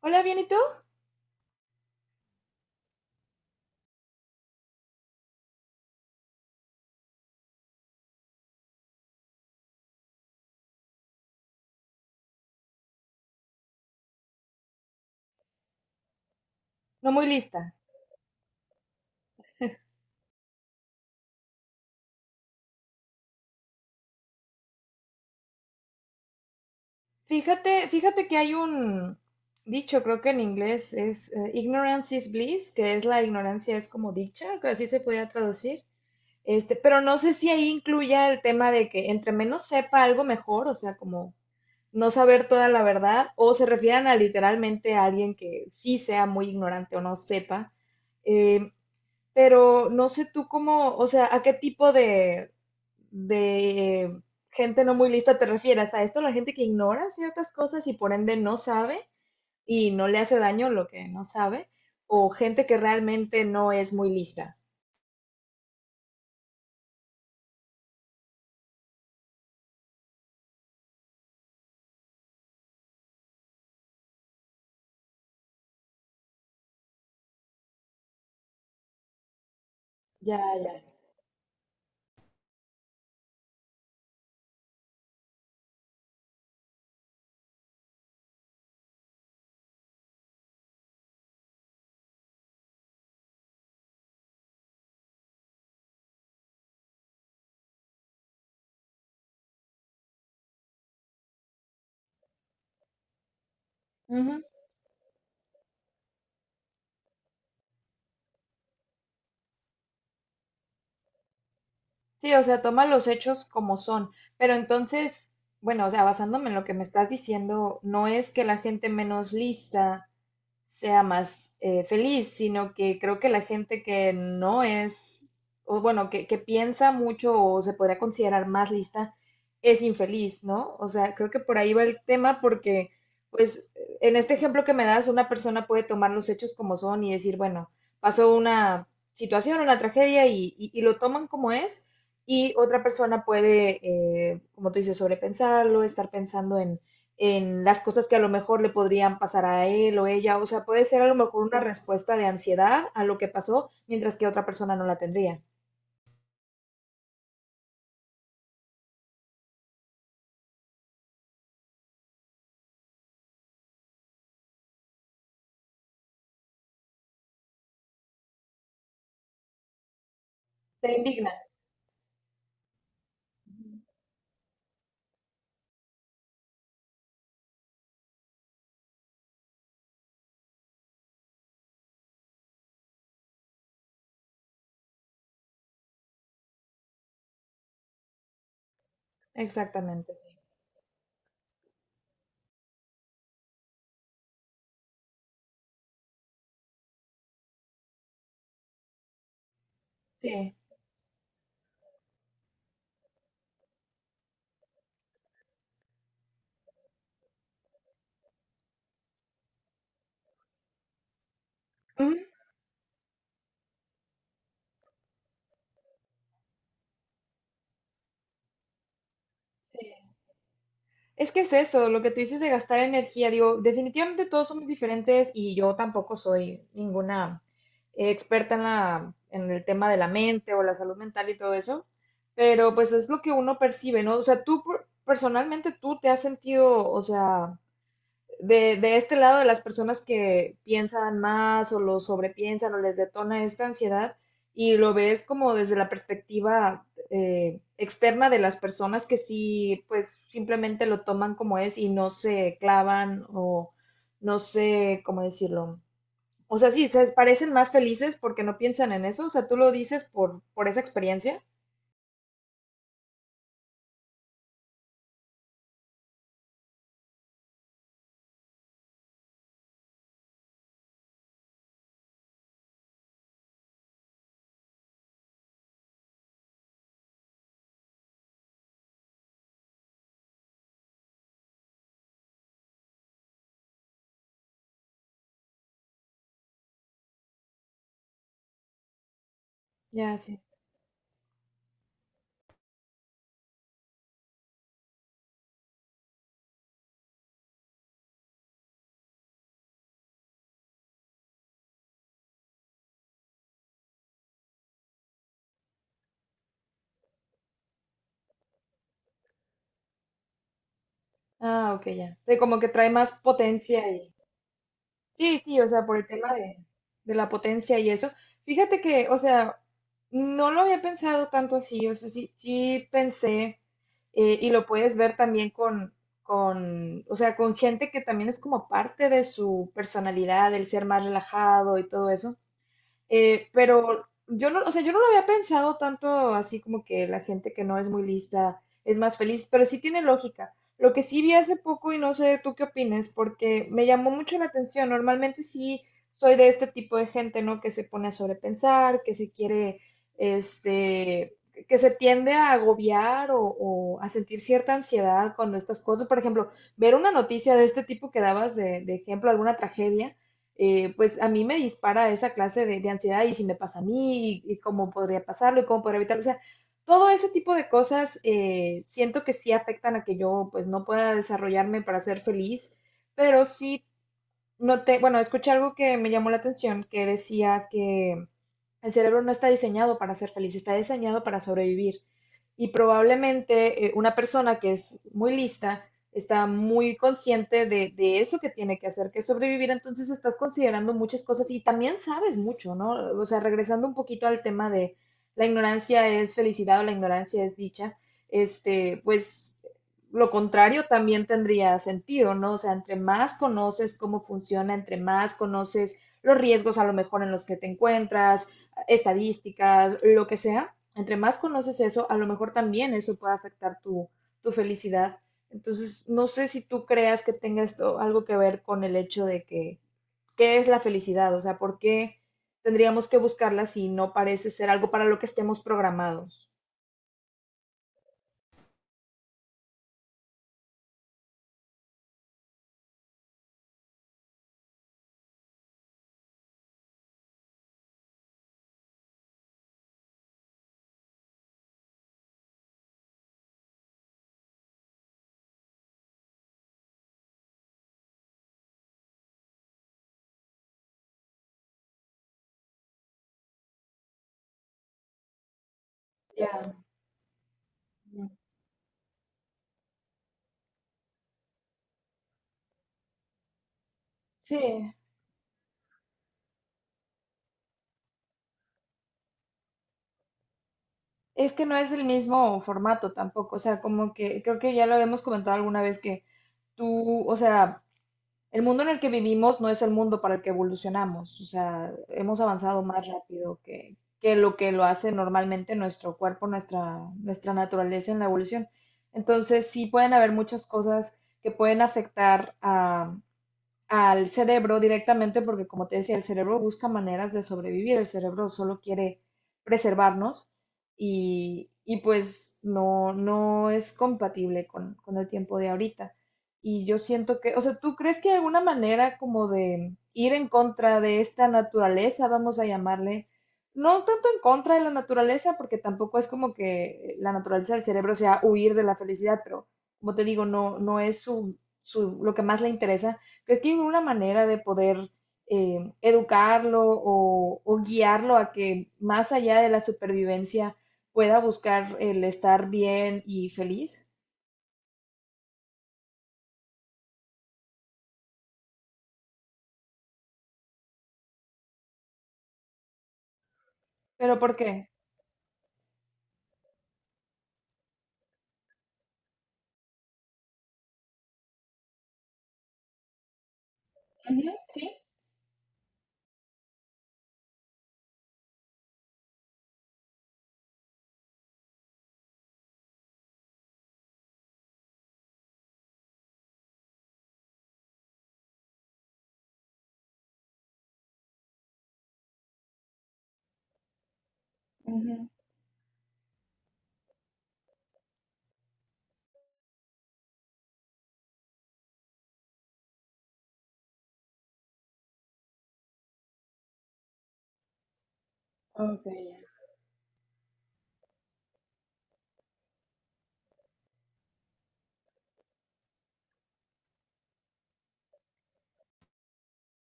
Hola, bien, ¿y tú? No muy lista. Fíjate que hay un dicho, creo que en inglés es ignorance is bliss, que es la ignorancia es como dicha, que así se podría traducir. Pero no sé si ahí incluya el tema de que entre menos sepa algo mejor, o sea, como no saber toda la verdad, o se refieran a literalmente a alguien que sí sea muy ignorante o no sepa. Em, pero no sé tú cómo, o sea, a qué tipo de gente no muy lista te refieres. ¿A esto la gente que ignora ciertas cosas y por ende no sabe y no le hace daño lo que no sabe? ¿O gente que realmente no es muy lista? Ya, ya, ya. Ujú. Sí, o sea, toma los hechos como son. Pero entonces, bueno, o sea, basándome en lo que me estás diciendo, no es que la gente menos lista sea más feliz, sino que creo que la gente que no es, o bueno, que piensa mucho o se podría considerar más lista, es infeliz, ¿no? O sea, creo que por ahí va el tema porque, pues, en este ejemplo que me das, una persona puede tomar los hechos como son y decir, bueno, pasó una situación, una tragedia y lo toman como es, y otra persona puede, como tú dices, sobrepensarlo, estar pensando en las cosas que a lo mejor le podrían pasar a él o ella. O sea, puede ser a lo mejor una respuesta de ansiedad a lo que pasó, mientras que otra persona no la tendría. Te indigna. Exactamente, sí. Sí. Ujú. Es que es eso, lo que tú dices de gastar energía, digo, definitivamente todos somos diferentes y yo tampoco soy ninguna experta en la, en el tema de la mente o la salud mental y todo eso, pero pues es lo que uno percibe, ¿no? O sea, tú por- personalmente tú te has sentido, o sea, de este lado de las personas que piensan más o lo sobrepiensan o les detona esta ansiedad y lo ves como desde la perspectiva externa de las personas que sí, pues simplemente lo toman como es y no se clavan o no sé cómo decirlo. O sea, sí, se parecen más felices porque no piensan en eso. O sea, tú lo dices por esa experiencia. Ya, sí. Ah, ok, ya. O sea, como que trae más potencia y... Sí, sí, o sea, por el tema de la potencia y eso. Fíjate que, o sea, no lo había pensado tanto así, o sea, sí, sí pensé, y lo puedes ver también con, o sea, con gente que también es como parte de su personalidad, el ser más relajado y todo eso. Pero yo no, o sea, yo no lo había pensado tanto así como que la gente que no es muy lista es más feliz, pero sí tiene lógica. Lo que sí vi hace poco y no sé tú qué opines, porque me llamó mucho la atención. Normalmente sí soy de este tipo de gente, ¿no? Que se pone a sobrepensar, que se quiere, este, que se tiende a agobiar o a sentir cierta ansiedad cuando estas cosas, por ejemplo, ver una noticia de este tipo que dabas de ejemplo, alguna tragedia, pues a mí me dispara esa clase de ansiedad y si me pasa a mí y cómo podría pasarlo y cómo podría evitarlo. O sea, todo ese tipo de cosas, siento que sí afectan a que yo pues no pueda desarrollarme para ser feliz, pero sí noté, bueno, escuché algo que me llamó la atención que decía que el cerebro no está diseñado para ser feliz, está diseñado para sobrevivir y probablemente, una persona que es muy lista está muy consciente de eso que tiene que hacer, que es sobrevivir, entonces estás considerando muchas cosas y también sabes mucho, ¿no? O sea, regresando un poquito al tema de la ignorancia es felicidad o la ignorancia es dicha, pues lo contrario también tendría sentido, ¿no? O sea, entre más conoces cómo funciona, entre más conoces los riesgos a lo mejor en los que te encuentras, estadísticas, lo que sea, entre más conoces eso, a lo mejor también eso puede afectar tu, tu felicidad. Entonces, no sé si tú creas que tenga esto algo que ver con el hecho de que, ¿qué es la felicidad? O sea, ¿por qué tendríamos que buscarla si no parece ser algo para lo que estemos programados? Ya. Sí, es que no es el mismo formato tampoco, o sea, como que creo que ya lo habíamos comentado alguna vez que tú, o sea, el mundo en el que vivimos no es el mundo para el que evolucionamos, o sea, hemos avanzado más rápido que lo hace normalmente nuestro cuerpo, nuestra, nuestra naturaleza en la evolución. Entonces, sí pueden haber muchas cosas que pueden afectar a, al cerebro directamente porque, como te decía, el cerebro busca maneras de sobrevivir, el cerebro solo quiere preservarnos y pues no, no es compatible con el tiempo de ahorita. Y yo siento que, o sea, ¿tú crees que hay alguna manera como de ir en contra de esta naturaleza, vamos a llamarle? No tanto en contra de la naturaleza, porque tampoco es como que la naturaleza del cerebro sea huir de la felicidad, pero como te digo, no, no es su, su, lo que más le interesa. ¿Crees que hay una manera de poder, educarlo o guiarlo a que más allá de la supervivencia pueda buscar el estar bien y feliz? ¿Pero por qué? Ujú, sí. Ujú.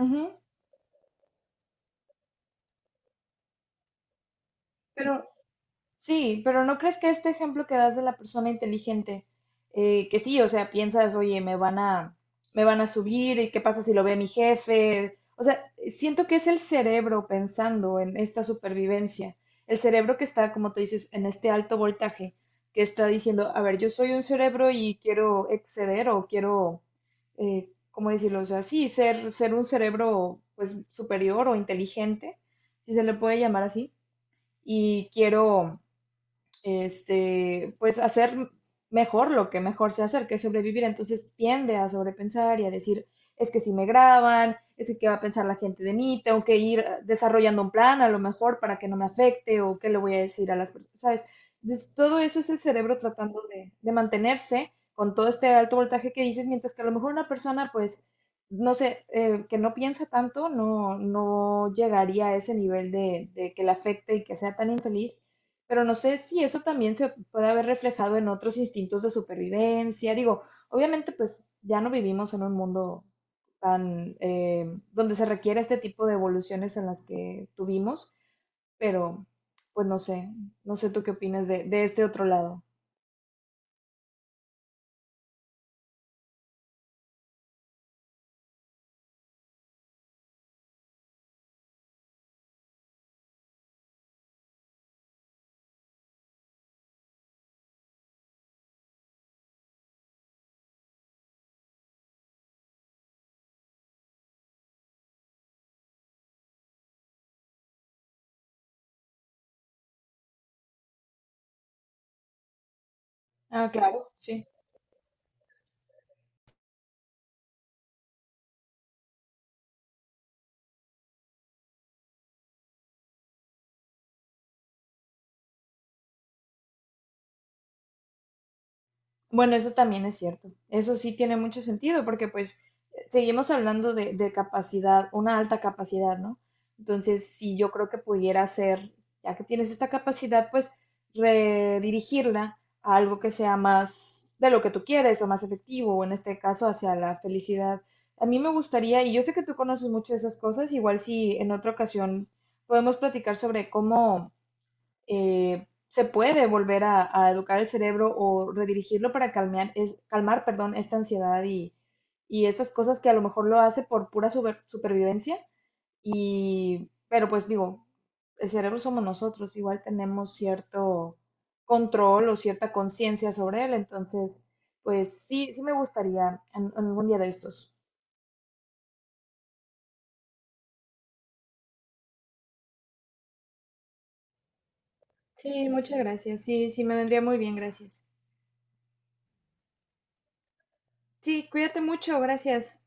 Ujú. Pero sí, pero ¿no crees que este ejemplo que das de la persona inteligente, que sí, o sea, piensas, oye, me van a subir, ¿y qué pasa si lo ve mi jefe? O sea, siento que es el cerebro pensando en esta supervivencia, el cerebro que está, como te dices, en este alto voltaje, que está diciendo, a ver, yo soy un cerebro y quiero exceder o quiero, ¿cómo decirlo? O sea, sí, ser un cerebro, pues, superior o inteligente, si se le puede llamar así, y quiero, pues hacer mejor lo que mejor se hacer, que es sobrevivir. Entonces tiende a sobrepensar y a decir, es que si me graban, es que qué va a pensar la gente de mí, tengo que ir desarrollando un plan a lo mejor para que no me afecte o qué le voy a decir a las personas, ¿sabes? Entonces, todo eso es el cerebro tratando de mantenerse con todo este alto voltaje que dices, mientras que a lo mejor una persona, pues, no sé, que no piensa tanto, no, no llegaría a ese nivel de que le afecte y que sea tan infeliz, pero no sé si eso también se puede haber reflejado en otros instintos de supervivencia. Digo, obviamente pues ya no vivimos en un mundo tan, donde se requiere este tipo de evoluciones en las que tuvimos, pero pues no sé, no sé tú qué opinas de este otro lado. Ah, claro, sí. Bueno, eso también es cierto. Eso sí tiene mucho sentido porque pues seguimos hablando de capacidad, una alta capacidad, ¿no? Entonces, si yo creo que pudiera ser, ya que tienes esta capacidad, pues redirigirla a algo que sea más de lo que tú quieres o más efectivo, o en este caso hacia la felicidad. A mí me gustaría, y yo sé que tú conoces mucho de esas cosas, igual si en otra ocasión podemos platicar sobre cómo, se puede volver a educar el cerebro o redirigirlo para calmar, es, calmar, perdón, esta ansiedad y estas cosas que a lo mejor lo hace por pura super- supervivencia. Y, pero pues digo, el cerebro somos nosotros, igual tenemos cierto control o cierta conciencia sobre él. Entonces, pues sí, sí me gustaría en algún día de estos. Sí, muchas gracias. Sí, sí me vendría muy bien, gracias. Sí, cuídate mucho, gracias.